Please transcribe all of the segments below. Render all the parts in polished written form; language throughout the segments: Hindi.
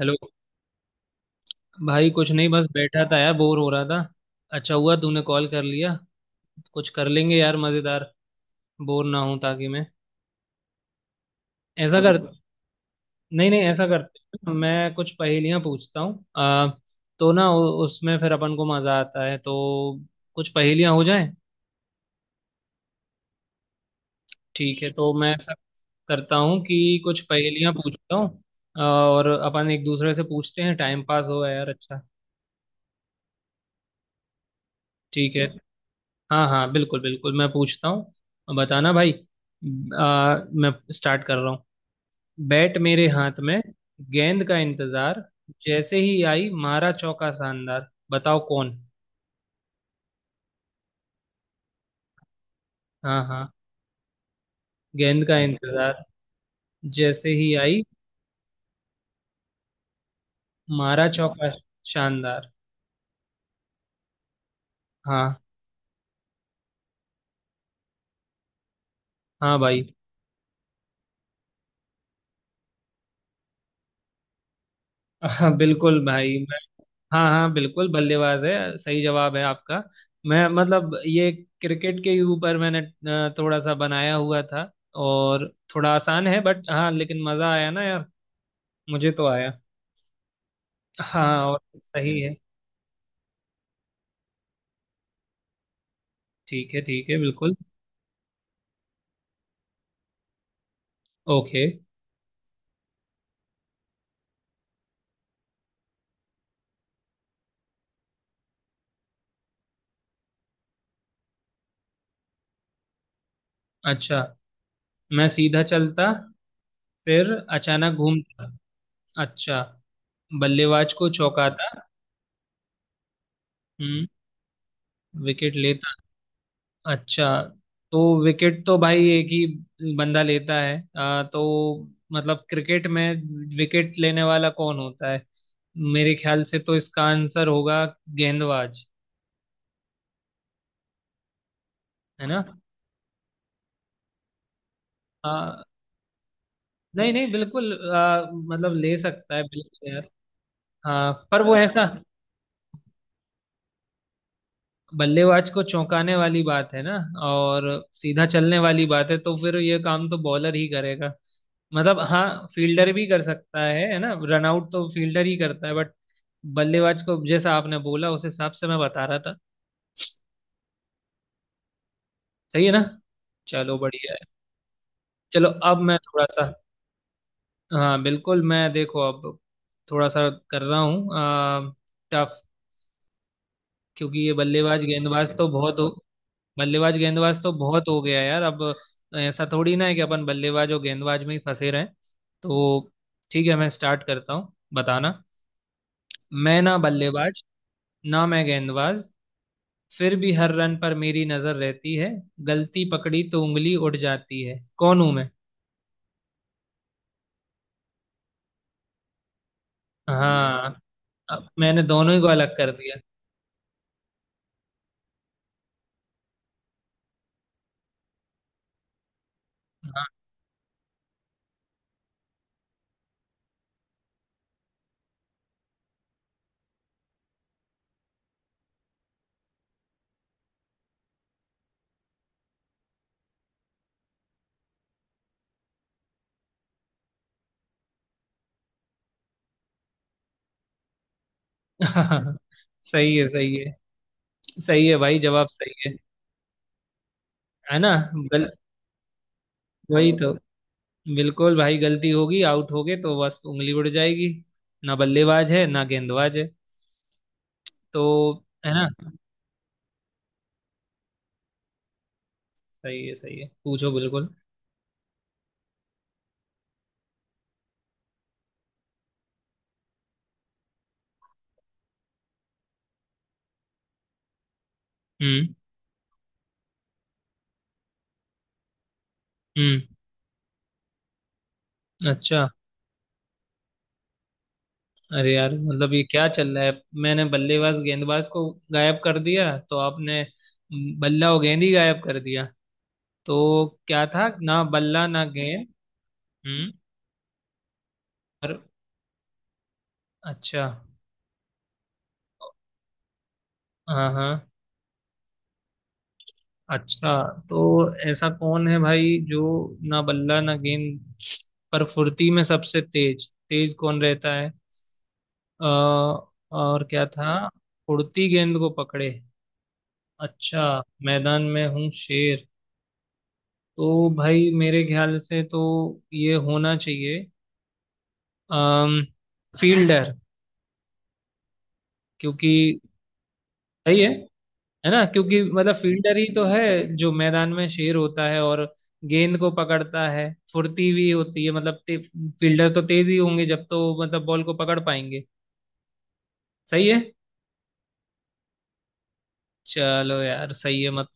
हेलो। भाई कुछ नहीं, बस बैठा था यार, बोर हो रहा था। अच्छा हुआ तूने कॉल कर लिया। कुछ कर लेंगे यार मजेदार, बोर ना हूं ताकि मैं। ऐसा कर, नहीं नहीं, ऐसा करते हैं। मैं कुछ पहेलियां पूछता हूँ। आ तो ना उ- उसमें फिर अपन को मजा आता है, तो कुछ पहेलियां हो जाए। ठीक है, तो मैं ऐसा करता हूँ कि कुछ पहेलियां पूछता हूँ और अपन एक दूसरे से पूछते हैं, टाइम पास हो यार। अच्छा, ठीक है। हाँ हाँ, बिल्कुल बिल्कुल, मैं पूछता हूँ, बताना भाई। मैं स्टार्ट कर रहा हूँ। बैट मेरे हाथ में, गेंद का इंतजार, जैसे ही आई मारा चौका शानदार, बताओ कौन। हाँ हाँ। गेंद का इंतजार, जैसे ही आई मारा चौका शानदार। हाँ हाँ भाई। हाँ बिल्कुल भाई। हाँ हाँ, बिल्कुल, बल्लेबाज है, सही जवाब है आपका। मैं मतलब ये क्रिकेट के ही ऊपर मैंने थोड़ा सा बनाया हुआ था। और थोड़ा आसान है बट हाँ, लेकिन मजा आया ना यार, मुझे तो आया। हाँ और सही है। ठीक है ठीक है, बिल्कुल। ओके। अच्छा, मैं सीधा चलता, फिर अचानक घूमता। अच्छा। बल्लेबाज को चौंकाता। हम्म। विकेट ले। अच्छा, तो विकेट तो भाई एक ही बंदा लेता है। तो मतलब क्रिकेट में विकेट लेने वाला कौन होता है, मेरे ख्याल से तो इसका आंसर होगा गेंदबाज। है ना। आ, नहीं नहीं, बिल्कुल, मतलब ले सकता है बिल्कुल यार। हाँ पर वो ऐसा, बल्लेबाज को चौंकाने वाली बात है ना, और सीधा चलने वाली बात है, तो फिर ये काम तो बॉलर ही करेगा। मतलब हाँ, फील्डर भी कर सकता है ना, रन आउट तो फील्डर ही करता है, बट बल्लेबाज को जैसा आपने बोला उस हिसाब से मैं बता रहा था। सही है ना। चलो, बढ़िया है। चलो अब मैं थोड़ा सा, हाँ बिल्कुल, मैं देखो अब थोड़ा सा कर रहा हूँ टफ। क्योंकि ये बल्लेबाज गेंदबाज तो बहुत हो गया यार अब। ऐसा थोड़ी ना है कि अपन बल्लेबाज और गेंदबाज में ही फंसे रहें। तो ठीक है, मैं स्टार्ट करता हूँ, बताना। मैं ना बल्लेबाज, ना मैं गेंदबाज, फिर भी हर रन पर मेरी नजर रहती है, गलती पकड़ी तो उंगली उठ जाती है, कौन हूं मैं। हाँ, अब मैंने दोनों ही को अलग कर दिया। हाँ। सही है सही है। सही है भाई, जवाब सही है। है ना। गल वही तो, बिल्कुल भाई, गलती होगी आउट हो गए तो बस उंगली उड़ जाएगी, ना बल्लेबाज है ना गेंदबाज है तो। है ना। सही है सही है, पूछो बिल्कुल। हम्म हम्म अच्छा, अरे यार मतलब ये क्या चल रहा है, मैंने बल्लेबाज गेंदबाज को गायब कर दिया तो आपने बल्ला और गेंद ही गायब कर दिया। तो क्या था, ना बल्ला ना गेंद। हम्म। और अच्छा। हाँ हाँ। अच्छा, तो ऐसा कौन है भाई जो ना बल्ला ना गेंद, पर फुर्ती में सबसे तेज, तेज कौन रहता है। अ, और क्या था, उड़ती गेंद को पकड़े। अच्छा, मैदान में हूँ शेर। तो भाई मेरे ख्याल से तो ये होना चाहिए, अम फील्डर। क्योंकि सही है ना, क्योंकि मतलब फील्डर ही तो है जो मैदान में शेर होता है और गेंद को पकड़ता है, फुर्ती भी होती है, मतलब फील्डर तो तेज ही होंगे जब तो मतलब बॉल को पकड़ पाएंगे। सही है। चलो यार सही है मत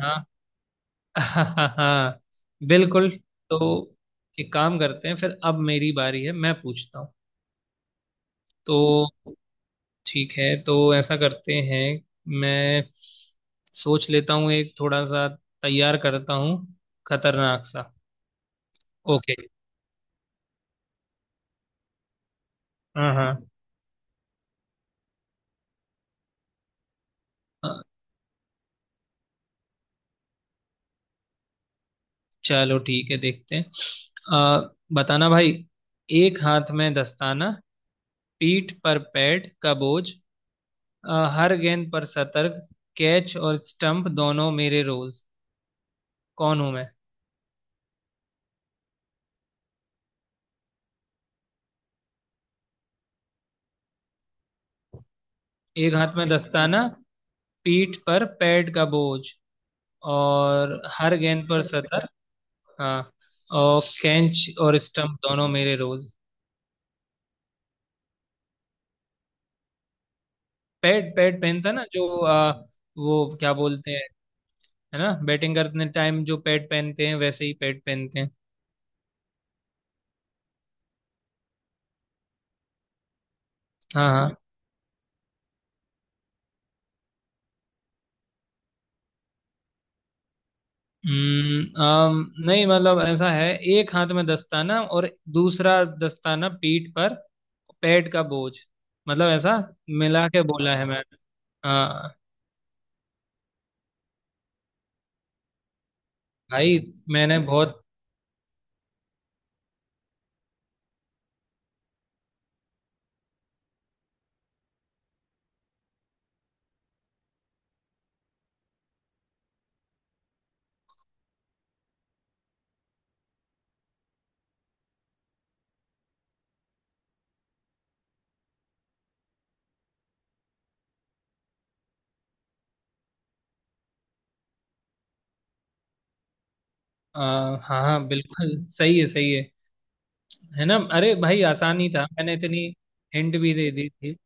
हाँ। हाँ बिल्कुल। तो एक काम करते हैं, फिर अब मेरी बारी है, मैं पूछता हूँ। तो ठीक है, तो ऐसा करते हैं, मैं सोच लेता हूँ एक, थोड़ा सा तैयार करता हूँ खतरनाक सा। ओके। हाँ हाँ। अ, चलो ठीक है, देखते हैं। बताना भाई। एक हाथ में दस्ताना, पीठ पर पैड का बोझ, हर गेंद पर सतर्क, कैच और स्टंप दोनों मेरे रोज, कौन हूं मैं। एक हाथ में दस्ताना, पीठ पर पैड का बोझ, और हर गेंद पर सतर्क। हाँ। और कैंच और स्टंप दोनों मेरे रोज। पैड, पहनता ना जो, वो क्या बोलते हैं, है ना, बैटिंग करने टाइम जो पैड पहनते हैं वैसे ही पैड पहनते हैं। हाँ हाँ। नहीं मतलब ऐसा है, एक हाथ में दस्ताना और दूसरा दस्ताना पीठ पर, पैड का बोझ, मतलब ऐसा मिला के बोला है मैंने। हाँ भाई। मैंने बहुत आ, हाँ हाँ, बिल्कुल, सही है सही है। है ना, अरे भाई आसान ही था, मैंने इतनी हिंट भी दे दी थी।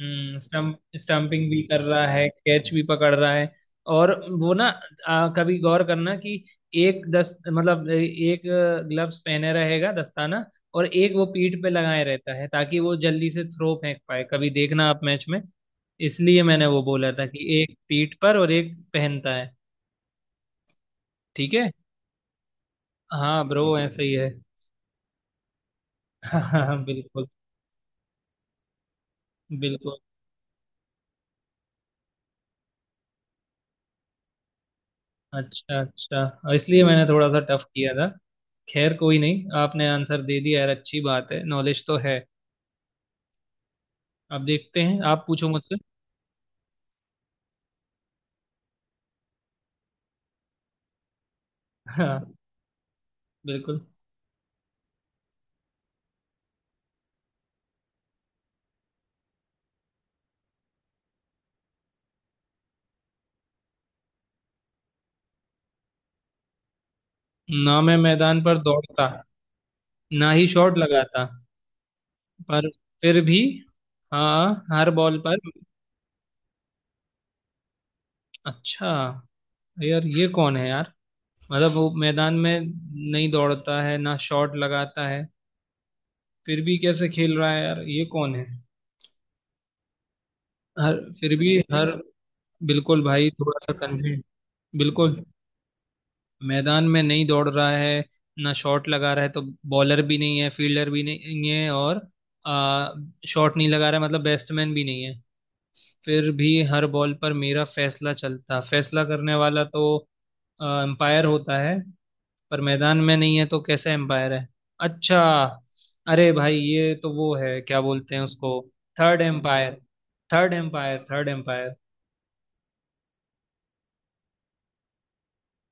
हम्म, स्टम्प, स्टम्पिंग भी कर रहा है कैच भी पकड़ रहा है। और वो ना, कभी गौर करना कि एक दस मतलब एक ग्लव्स पहने रहेगा दस्ताना, और एक वो पीठ पे लगाए रहता है ताकि वो जल्दी से थ्रो फेंक पाए, कभी देखना आप मैच में। इसलिए मैंने वो बोला था कि एक पीठ पर और एक पहनता है। ठीक है। हाँ ब्रो ऐसे ही है। हाँ बिल्कुल बिल्कुल। अच्छा अच्छा। और इसलिए मैंने थोड़ा सा टफ किया था। खैर कोई नहीं, आपने आंसर दे दिया यार, अच्छी बात है, नॉलेज तो है। अब देखते हैं, आप पूछो मुझसे। हाँ बिल्कुल। ना मैं मैदान पर दौड़ता, ना ही शॉट लगाता, पर फिर भी, हाँ हर बॉल पर। अच्छा, यार ये कौन है यार, मतलब वो मैदान में नहीं दौड़ता है ना शॉट लगाता है, फिर भी कैसे खेल रहा है यार ये कौन है। हर फिर भी हर बिल्कुल भाई, थोड़ा सा कंफ्यूज, बिल्कुल। मैदान में नहीं दौड़ रहा है, ना शॉट लगा रहा है तो बॉलर भी नहीं है, फील्डर भी नहीं है और आ, शॉट नहीं लगा रहा है मतलब बैट्समैन भी नहीं है। फिर भी हर बॉल पर मेरा फैसला चलता, फैसला करने वाला तो अंपायर होता है, पर मैदान में नहीं है तो कैसा एम्पायर है। अच्छा, अरे भाई ये तो वो है, क्या बोलते हैं उसको, third umpire third umpire third umpire.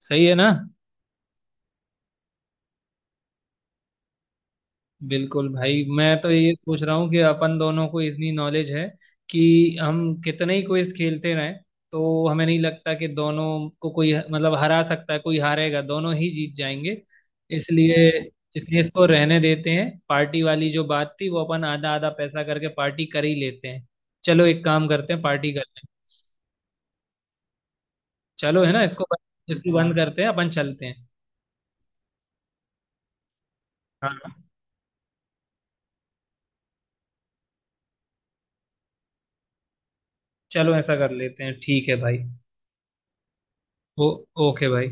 सही है ना। बिल्कुल भाई, मैं तो ये सोच रहा हूँ कि अपन दोनों को इतनी नॉलेज है कि हम कितने ही क्विज खेलते रहें तो हमें नहीं लगता कि दोनों को कोई मतलब हरा सकता है, कोई हारेगा, दोनों ही जीत जाएंगे। इसलिए इसलिए इसको रहने देते हैं, पार्टी वाली जो बात थी वो अपन आधा आधा पैसा करके पार्टी कर ही लेते हैं। चलो एक काम करते हैं, पार्टी करते हैं। चलो, है ना, इसको बंद करते हैं, अपन चलते हैं। हाँ चलो ऐसा कर लेते हैं, ठीक है भाई। ओ, ओके भाई।